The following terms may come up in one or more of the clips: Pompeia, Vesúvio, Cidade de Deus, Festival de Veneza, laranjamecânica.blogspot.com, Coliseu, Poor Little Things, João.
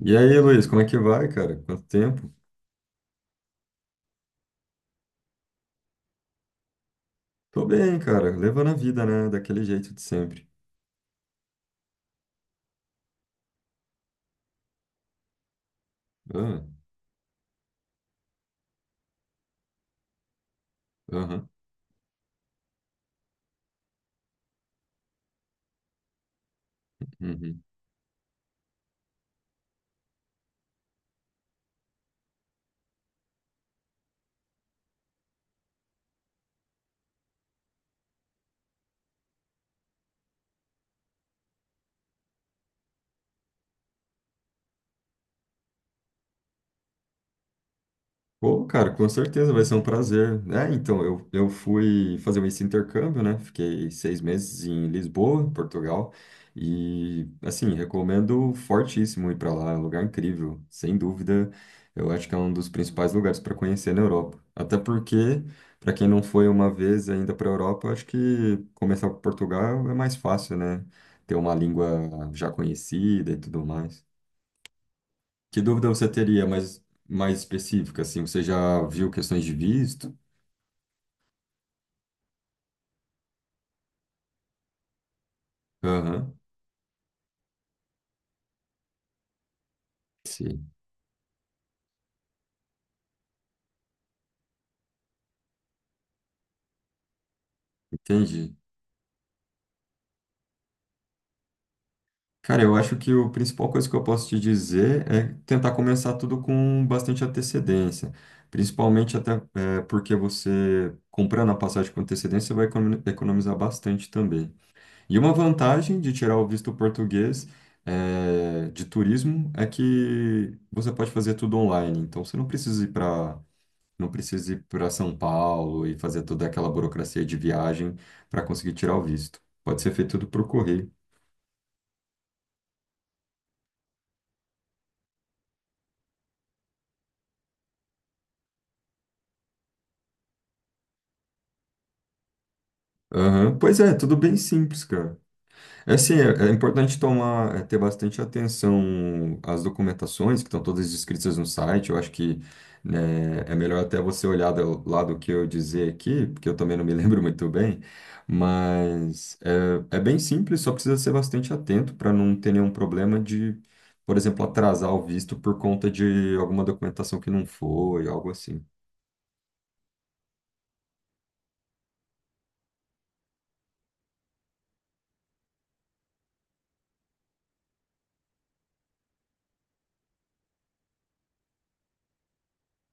E aí, Luiz, como é que vai, cara? Quanto tempo? Tô bem, cara. Levando a vida, né? Daquele jeito de sempre. Ah, aham. Uhum. Pô, cara, com certeza vai ser um prazer. É, então, eu fui fazer esse intercâmbio, né? Fiquei 6 meses em Lisboa, em Portugal. E, assim, recomendo fortíssimo ir para lá. É um lugar incrível, sem dúvida. Eu acho que é um dos principais lugares para conhecer na Europa. Até porque, para quem não foi uma vez ainda para a Europa, eu acho que começar por Portugal é mais fácil, né? Ter uma língua já conhecida e tudo mais. Que dúvida você teria mais, mais específica, assim? Você já viu questões de visto? Aham, sim, entendi. Cara, eu acho que a principal coisa que eu posso te dizer é tentar começar tudo com bastante antecedência. Principalmente até é, porque você, comprando a passagem com antecedência, você vai econo- economizar bastante também. E uma vantagem de tirar o visto português é, de turismo é que você pode fazer tudo online. Então, você não precisa ir para não precisa ir para São Paulo e fazer toda aquela burocracia de viagem para conseguir tirar o visto. Pode ser feito tudo por correio. Aham, pois é, tudo bem simples, cara. É, assim, é, é importante tomar, é, ter bastante atenção às documentações que estão todas descritas no site. Eu acho que, né, é melhor até você olhar do- lá do que eu dizer aqui, porque eu também não me lembro muito bem. Mas é, é bem simples, só precisa ser bastante atento para não ter nenhum problema de, por exemplo, atrasar o visto por conta de alguma documentação que não foi, algo assim.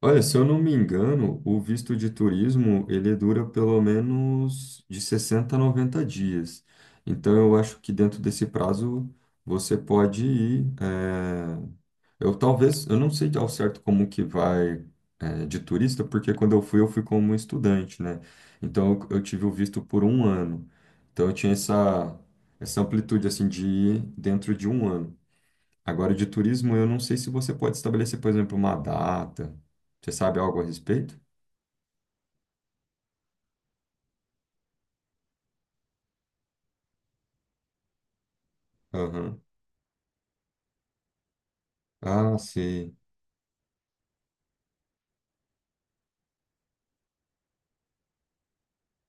Olha, se eu não me engano, o visto de turismo, ele dura pelo menos de 60 a 90 dias. Então, eu acho que dentro desse prazo, você pode ir. Eu talvez, eu não sei ao certo como que vai, de turista, porque quando eu fui como estudante, né? Então, eu tive o visto por um ano. Então, eu tinha essa, essa amplitude, assim, de ir dentro de um ano. Agora, de turismo, eu não sei se você pode estabelecer, por exemplo, uma data. Você sabe algo a respeito? Aham. Ah, sei,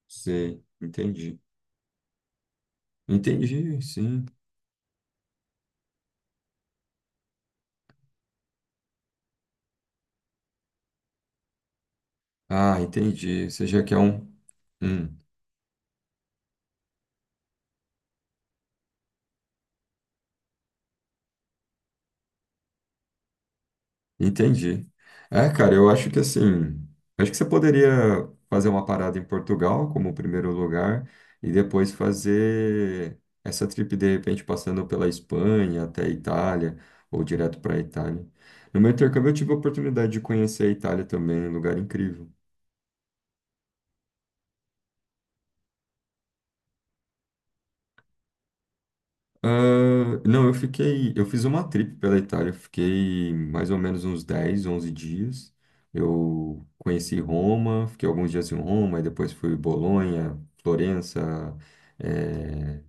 sei. Entendi. Entendi, sim. Ah, entendi. Você já quer um. Hum. Entendi. É, cara, eu acho que assim, acho que você poderia fazer uma parada em Portugal como primeiro lugar e depois fazer essa trip de repente passando pela Espanha até a Itália ou direto para a Itália. No meu intercâmbio eu tive a oportunidade de conhecer a Itália também, um lugar incrível. Ah, não, eu fiquei. Eu fiz uma trip pela Itália, fiquei mais ou menos uns 10, 11 dias. Eu conheci Roma, fiquei alguns dias em Roma, e depois fui Bolonha, Florença, eh,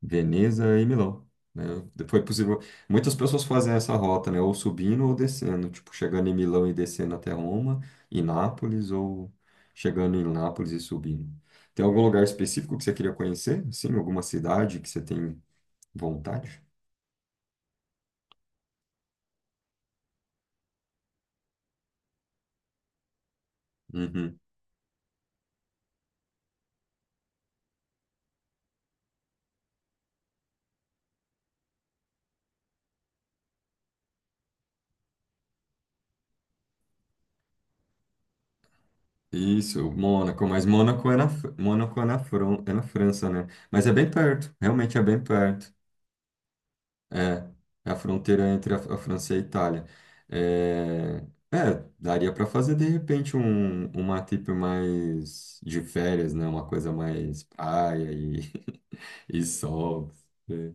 Veneza e Milão. Né? Foi possível. Muitas pessoas fazem essa rota, né? Ou subindo ou descendo, tipo, chegando em Milão e descendo até Roma, e Nápoles, ou chegando em Nápoles e subindo. Tem algum lugar específico que você queria conhecer? Sim, alguma cidade que você tem vontade? Uhum. Isso, Mônaco, mas Mônaco é na, Fr- Mônaco é na, Fran- é na França, né? Mas é bem perto, realmente é bem perto. É, é a fronteira entre a França e a Itália. É, é, daria para fazer de repente um, uma trip mais de férias, né? Uma coisa mais praia e, e sol. É.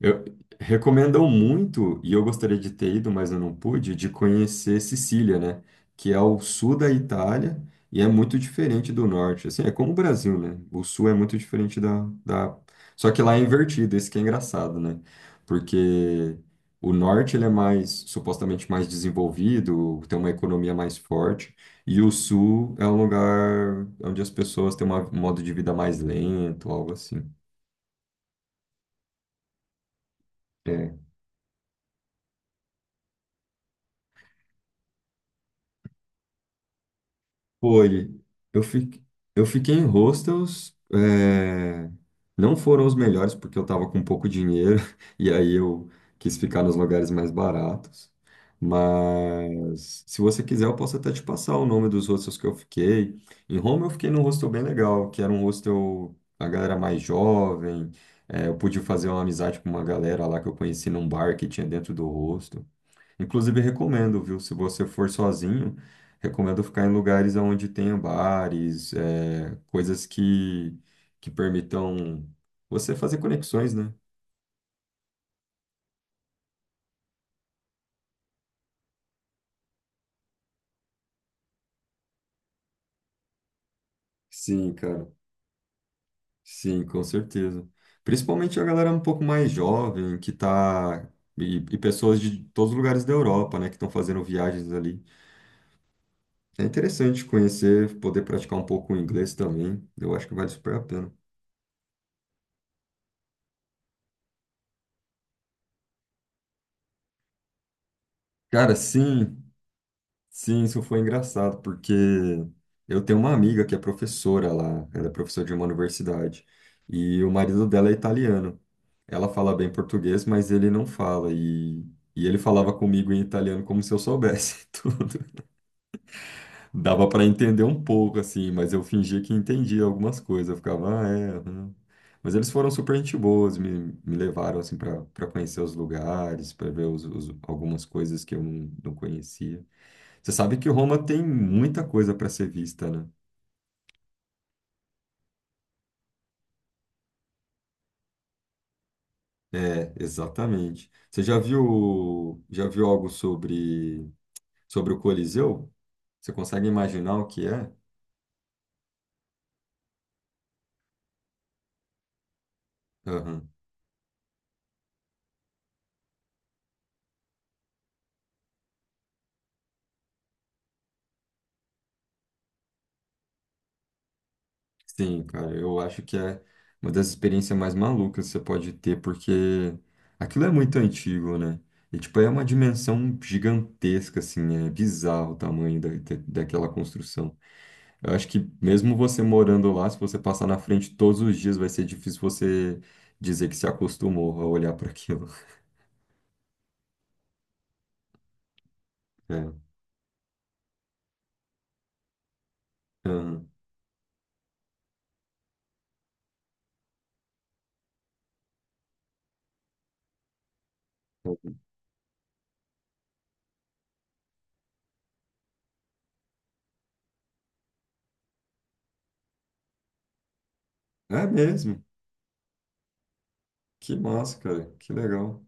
Eu recomendam muito, e eu gostaria de ter ido, mas eu não pude, de conhecer Sicília, né? Que é o sul da Itália e é muito diferente do norte. Assim, é como o Brasil, né? O sul é muito diferente da, da... Só que lá é invertido, isso que é engraçado, né? Porque o norte ele é mais, supostamente mais desenvolvido, tem uma economia mais forte, e o sul é um lugar onde as pessoas têm uma- um modo de vida mais lento, algo assim. Foi. Eu fiquei, eu fiquei em hostels, é, não foram os melhores porque eu estava com pouco dinheiro e aí eu quis ficar nos lugares mais baratos. Mas se você quiser, eu posso até te passar o nome dos hostels que eu fiquei. Em Roma, eu fiquei num hostel bem legal, que era um hostel a galera mais jovem. É, eu pude fazer uma amizade com uma galera lá que eu conheci num bar que tinha dentro do hostel. Inclusive, recomendo, viu? Se você for sozinho, recomendo ficar em lugares onde tenha bares, é, coisas que permitam você fazer conexões, né? Sim, cara. Sim, com certeza. Principalmente a galera um pouco mais jovem, que tá. E pessoas de todos os lugares da Europa, né, que estão fazendo viagens ali. É interessante conhecer, poder praticar um pouco o inglês também. Eu acho que vale super a pena. Cara, sim. Sim, isso foi engraçado, porque eu tenho uma amiga que é professora lá, ela é professora de uma universidade, e o marido dela é italiano. Ela fala bem português, mas ele não fala, e ele falava comigo em italiano como se eu soubesse tudo. Dava para entender um pouco, assim, mas eu fingia que entendia algumas coisas, eu ficava, ah, é, aham." Mas eles foram super gente boas, me levaram, assim, para conhecer os lugares, para ver os- algumas coisas que eu não, não conhecia. Você sabe que Roma tem muita coisa para ser vista, né? É, exatamente. Você já viu algo sobre, sobre o Coliseu? Você consegue imaginar o que é? Aham. Sim, cara, eu acho que é uma das experiências mais malucas que você pode ter, porque aquilo é muito antigo, né? E, tipo, é uma dimensão gigantesca, assim, é bizarro o tamanho da, da- daquela construção. Eu acho que mesmo você morando lá, se você passar na frente todos os dias, vai ser difícil você dizer que se acostumou a olhar para aquilo. É. Aham. É mesmo? Que massa, cara. Que legal.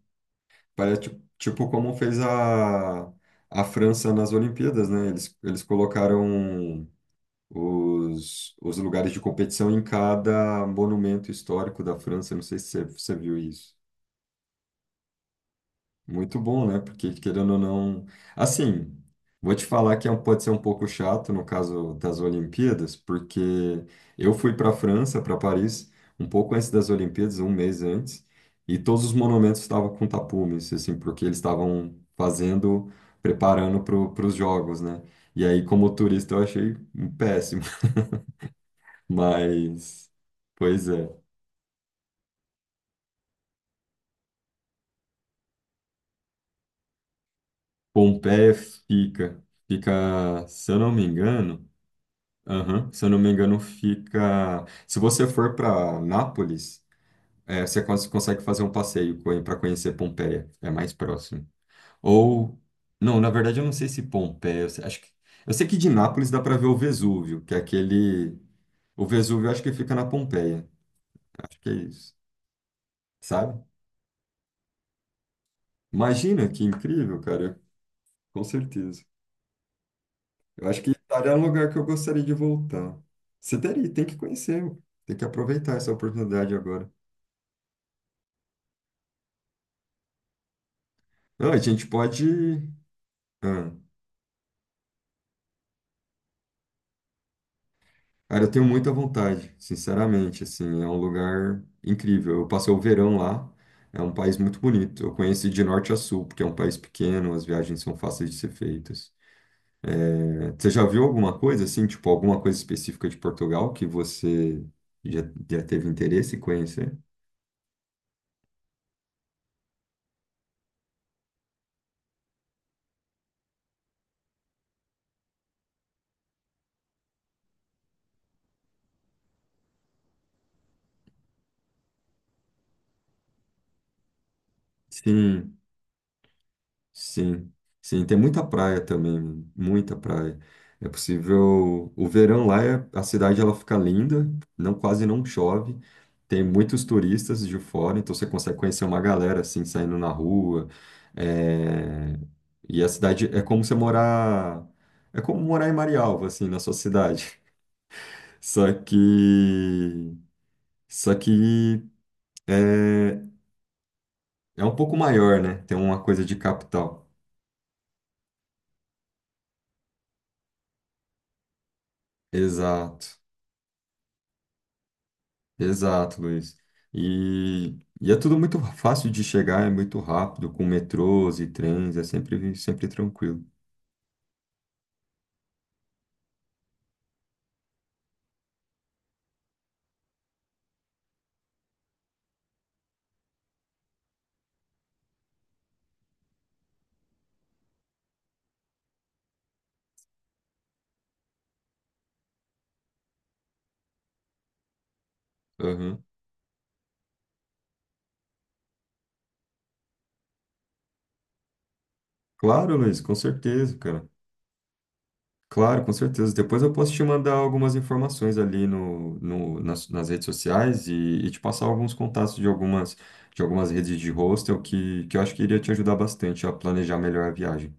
Parece ti- tipo como fez a França nas Olimpíadas, né? Eles colocaram os lugares de competição em cada monumento histórico da França. Não sei se você, você viu isso. Muito bom, né? Porque querendo ou não. Assim, vou te falar que é um- pode ser um pouco chato no caso das Olimpíadas, porque eu fui para a França, para Paris, um pouco antes das Olimpíadas, um mês antes, e todos os monumentos estavam com tapumes, assim, porque eles estavam fazendo, preparando para os jogos, né? E aí, como turista, eu achei um péssimo, mas. Pois é. Pompeia fica, fica, se eu não me engano. Aham. Se eu não me engano, fica. Se você for para Nápoles, é, você cons- consegue fazer um passeio para conhecer Pompeia. É mais próximo. Ou. Não, na verdade, eu não sei se Pompeia. Eu sei- acho que... eu sei que de Nápoles dá para ver o Vesúvio, que é aquele. O Vesúvio eu acho que fica na Pompeia. Acho que é isso. Sabe? Imagina que incrível, cara. Com certeza. Eu acho que Itália é um lugar que eu gostaria de voltar. Você teria, tem que conhecer. Tem que aproveitar essa oportunidade agora. Não, a gente pode. Ah, cara, eu tenho muita vontade, sinceramente. Assim, é um lugar incrível. Eu passei o verão lá. É um país muito bonito. Eu conheci de norte a sul, porque é um país pequeno, as viagens são fáceis de ser feitas. É, você já viu alguma coisa assim, tipo alguma coisa específica de Portugal que você já, já teve interesse em conhecer? Sim. Sim, sim, tem muita praia também, muita praia. É possível, o verão lá é- a cidade ela fica linda, não quase não chove. Tem muitos turistas de fora, então você consegue conhecer uma galera assim saindo na rua. É, e a cidade é como você morar, é como morar em Marialva assim na sua cidade. Só que, só que é, é um pouco maior, né? Tem uma coisa de capital. Exato. Exato, Luiz. E, e é tudo muito fácil de chegar, é muito rápido, com metrôs e trens, é sempre, sempre tranquilo. Aham. Claro, Luiz, com certeza, cara. Claro, com certeza. Depois eu posso te mandar algumas informações ali no, no, nas, nas redes sociais e te passar alguns contatos de algumas redes de hostel que eu acho que iria te ajudar bastante a planejar melhor a viagem.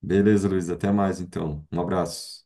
Beleza, Luiz, até mais então. Um abraço.